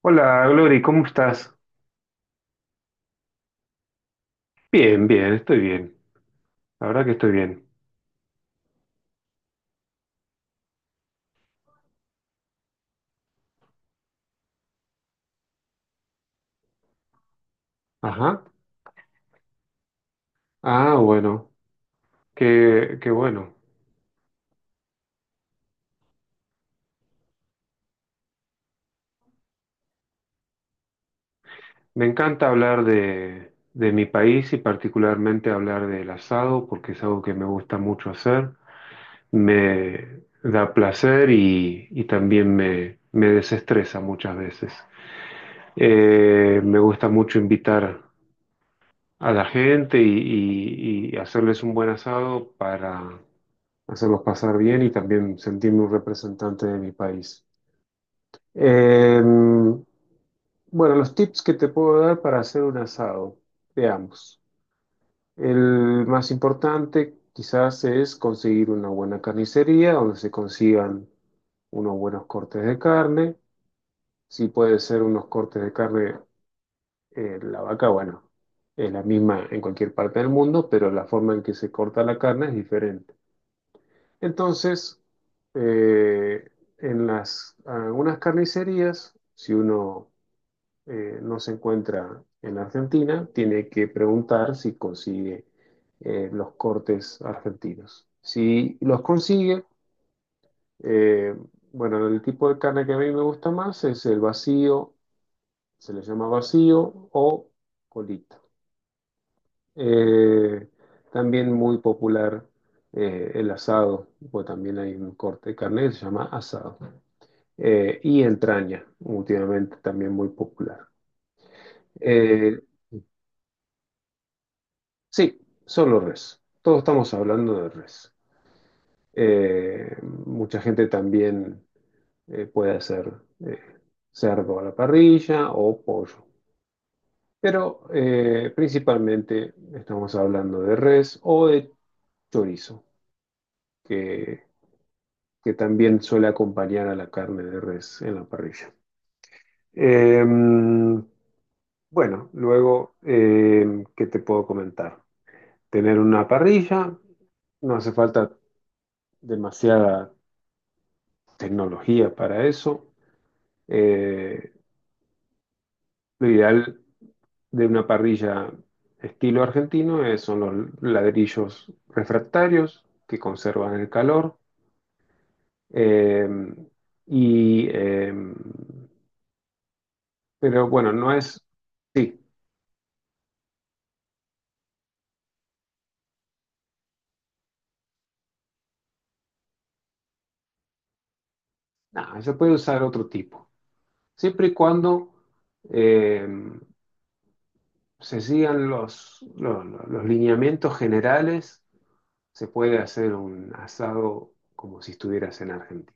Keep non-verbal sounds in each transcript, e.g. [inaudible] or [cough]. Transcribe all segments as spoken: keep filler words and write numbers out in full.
Hola, Glory, ¿cómo estás? Bien, bien, estoy bien. La verdad que estoy bien. Ajá. Ah, bueno, qué, qué bueno. Me encanta hablar de, de mi país y particularmente hablar del asado porque es algo que me gusta mucho hacer. Me da placer y, y también me, me desestresa muchas veces. Eh, me gusta mucho invitar a la gente y, y y hacerles un buen asado para hacerlos pasar bien y también sentirme un representante de mi país. Eh, bueno, los tips que te puedo dar para hacer un asado, veamos. El más importante quizás es conseguir una buena carnicería donde se consigan unos buenos cortes de carne. Si puede ser unos cortes de carne, eh, la vaca, bueno, es la misma en cualquier parte del mundo, pero la forma en que se corta la carne es diferente. Entonces, eh, en las, algunas carnicerías, si uno eh, no se encuentra en Argentina, tiene que preguntar si consigue eh, los cortes argentinos. Si los consigue, eh, bueno, el tipo de carne que a mí me gusta más es el vacío, se le llama vacío o colita. Eh, También muy popular eh, el asado, pues también hay un corte de carne que se llama asado. Eh, y entraña, últimamente también muy popular. Eh, sí, solo res. Todos estamos hablando de res. Eh, Mucha gente también eh, puede hacer eh, cerdo a la parrilla o pollo, pero eh, principalmente estamos hablando de res o de chorizo, que, que también suele acompañar a la carne de res en la parrilla. Eh, bueno, luego, eh, ¿qué te puedo comentar? Tener una parrilla, no hace falta demasiada tecnología para eso. Eh, lo ideal de una parrilla estilo argentino es- son los ladrillos refractarios que conservan el calor. eh, y, eh, pero bueno, no es... Sí, no, se puede usar otro tipo. Siempre y cuando eh, se sigan los, los los lineamientos generales se puede hacer un asado como si estuvieras en Argentina.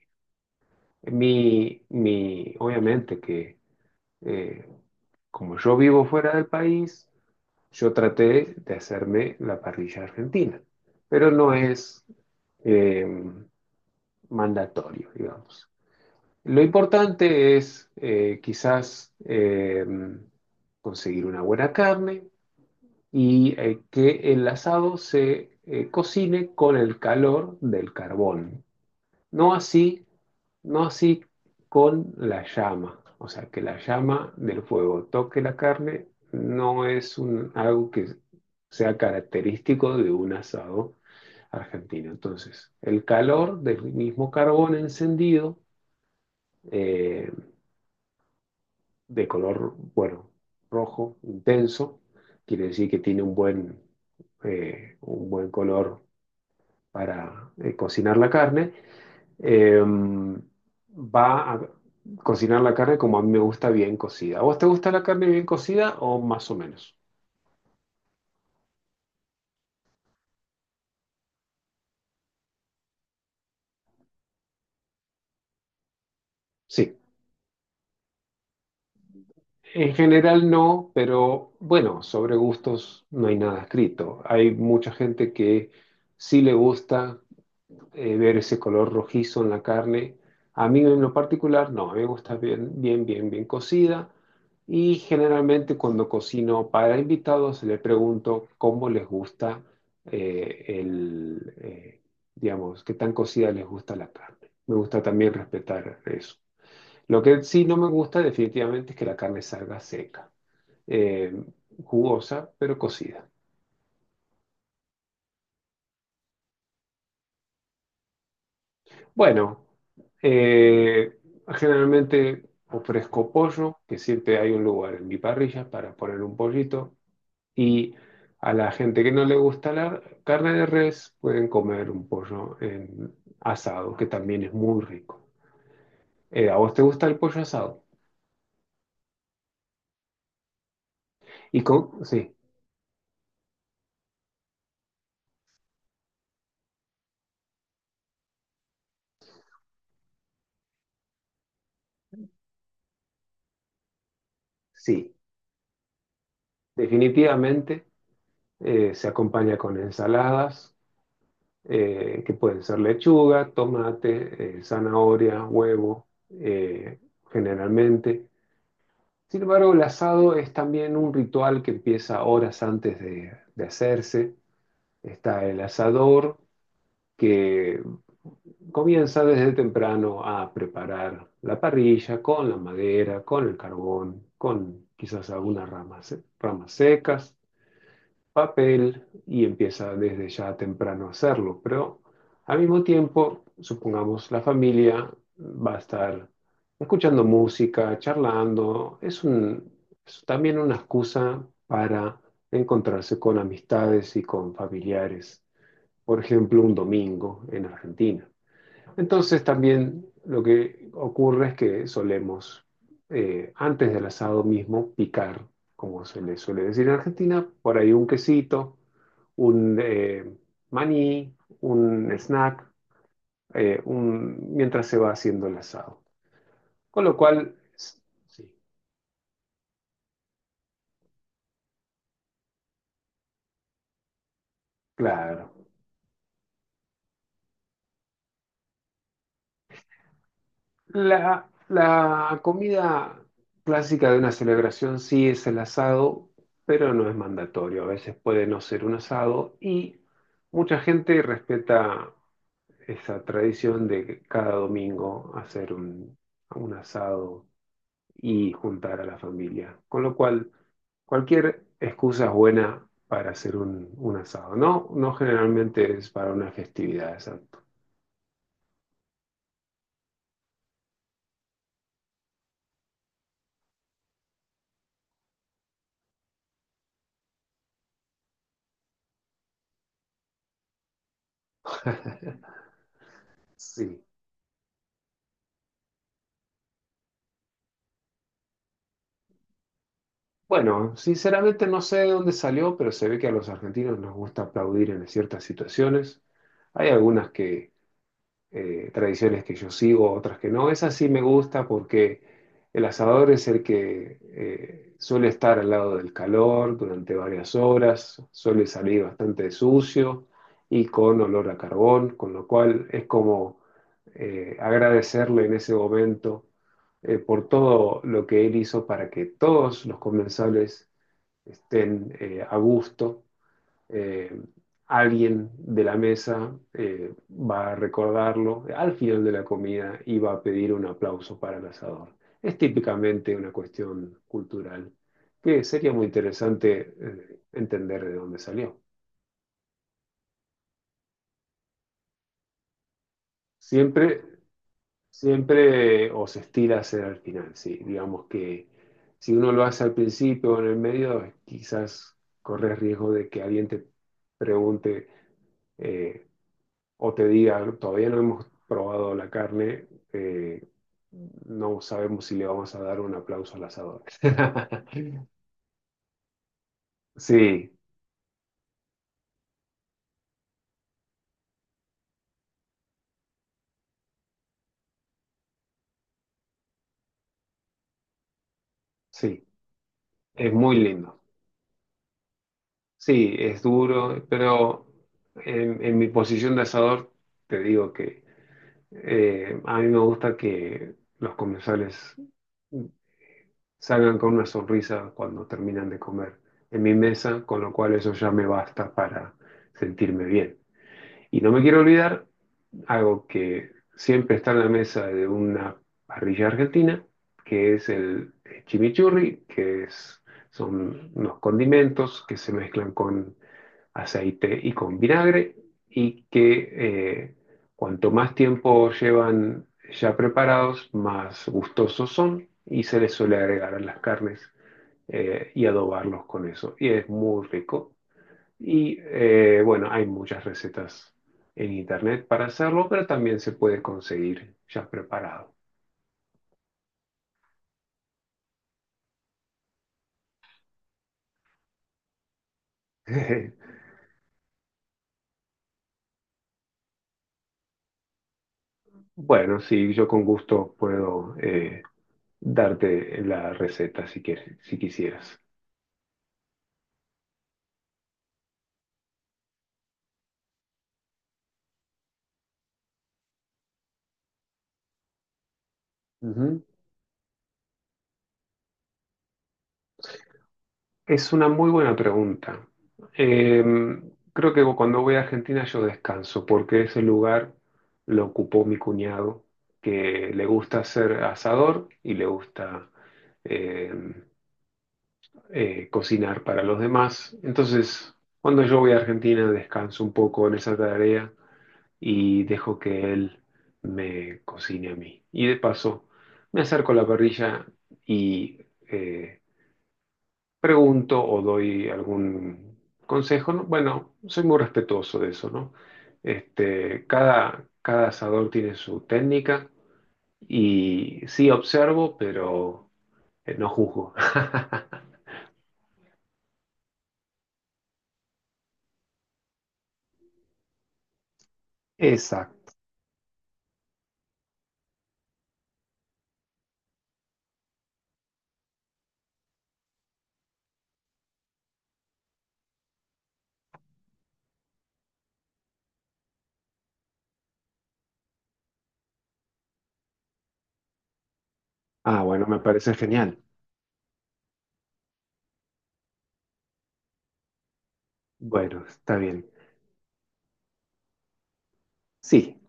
Mi, mi, obviamente que eh, como yo vivo fuera del país, yo traté de hacerme la parrilla argentina, pero no es eh, mandatorio, digamos. Lo importante es eh, quizás eh, conseguir una buena carne y eh, que el asado se eh, cocine con el calor del carbón. No así, no así con la llama. O sea, que la llama del fuego toque la carne no es un, algo que sea característico de un asado argentino. Entonces, el calor del mismo carbón encendido, eh, de color, bueno, rojo, intenso, quiere decir que tiene un buen, eh, un buen color para eh, cocinar la carne, eh, va a cocinar la carne como a mí me gusta bien cocida. ¿A ¿Vos te gusta la carne bien cocida o más o menos? Sí, en general no, pero bueno, sobre gustos no hay nada escrito. Hay mucha gente que sí le gusta eh, ver ese color rojizo en la carne. A mí en lo particular no, a mí me gusta bien, bien, bien, bien cocida. Y generalmente cuando cocino para invitados le pregunto cómo les gusta eh, el, eh, digamos, qué tan cocida les gusta la carne. Me gusta también respetar eso. Lo que sí no me gusta definitivamente es que la carne salga seca, eh, jugosa, pero cocida. Bueno, eh, generalmente ofrezco pollo, que siempre hay un lugar en mi parrilla para poner un pollito, y a la gente que no le gusta la carne de res pueden comer un pollo en asado, que también es muy rico. Eh, ¿a vos te gusta el pollo asado? Y con, sí, sí, definitivamente eh, se acompaña con ensaladas, eh, que pueden ser lechuga, tomate, eh, zanahoria, huevo, eh, generalmente. Sin embargo, el asado es también un ritual que empieza horas antes de, de hacerse. Está el asador que comienza desde temprano a preparar la parrilla con la madera, con el carbón, con quizás algunas ramas, ramas secas papel y empieza desde ya temprano a hacerlo. Pero al mismo tiempo, supongamos, la familia va a estar escuchando música, charlando. Es un- es también una excusa para encontrarse con amistades y con familiares. Por ejemplo, un domingo en Argentina. Entonces también lo que ocurre es que solemos, eh, antes del asado mismo, picar, como se le suele decir en Argentina, por ahí un quesito, un eh, maní, un snack, eh, un- mientras se va haciendo el asado. Con lo cual, s- sí, claro. La, la comida clásica de una celebración sí es el asado, pero no es mandatorio. A veces puede no ser un asado y mucha gente respeta esa tradición de que cada domingo hacer un, un asado y juntar a la familia. Con lo cual, cualquier excusa es buena para hacer un, un asado, ¿no? No generalmente es para una festividad, exacto. Sí. Bueno, sinceramente no sé de dónde salió, pero se ve que a los argentinos nos gusta aplaudir en ciertas situaciones. Hay algunas que, eh, tradiciones que yo sigo, otras que no. Esa sí me gusta porque el asador es el que eh, suele estar al lado del calor durante varias horas, suele salir bastante sucio y con olor a carbón, con lo cual es como eh, agradecerle en ese momento eh, por todo lo que él hizo para que todos los comensales estén eh, a gusto. Eh, Alguien de la mesa eh, va a recordarlo al final de la comida y va a pedir un aplauso para el asador. Es típicamente una cuestión cultural que sería muy interesante eh, entender de dónde salió. Siempre, Siempre os estira a hacer al final, sí. Digamos que si uno lo hace al principio o en el medio, quizás corres riesgo de que alguien te pregunte eh, o te diga, todavía no hemos probado la carne, eh, no sabemos si le vamos a dar un aplauso al asador. [laughs] Sí, sí, es muy lindo. Sí, es duro, pero en, en mi posición de asador te digo que eh, a mí me gusta que los comensales salgan con una sonrisa cuando terminan de comer en mi mesa, con lo cual eso ya me basta para sentirme bien. Y no me quiero olvidar algo que siempre está en la mesa de una parrilla argentina, que es el chimichurri, que es, son unos condimentos que se mezclan con aceite y con vinagre y que eh, cuanto más tiempo llevan ya preparados, más gustosos son y se les suele agregar a las carnes eh, y adobarlos con eso. Y es muy rico. Y eh, bueno, hay muchas recetas en internet para hacerlo, pero también se puede conseguir ya preparado. [laughs] Bueno, sí, yo con gusto puedo eh, darte la receta si quieres, si quisieras. Ujú. Es una muy buena pregunta. Eh, Creo que cuando voy a Argentina yo descanso, porque ese lugar lo ocupó mi cuñado, que le gusta ser asador y le gusta eh, eh, cocinar para los demás. Entonces, cuando yo voy a Argentina, descanso un poco en esa tarea y dejo que él me cocine a mí. Y de paso, me acerco a la parrilla y eh, pregunto o doy algún consejo, ¿no? Bueno, soy muy respetuoso de eso, ¿no? Este, cada, cada asador tiene su técnica y sí observo, pero eh, no juzgo. [laughs] Exacto. Ah, bueno, me parece genial. Bueno, está bien. Sí,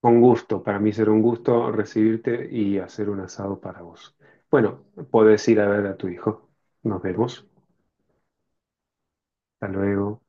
con gusto. Para mí será un gusto recibirte y hacer un asado para vos. Bueno, podés ir a ver a tu hijo. Nos vemos. Hasta luego.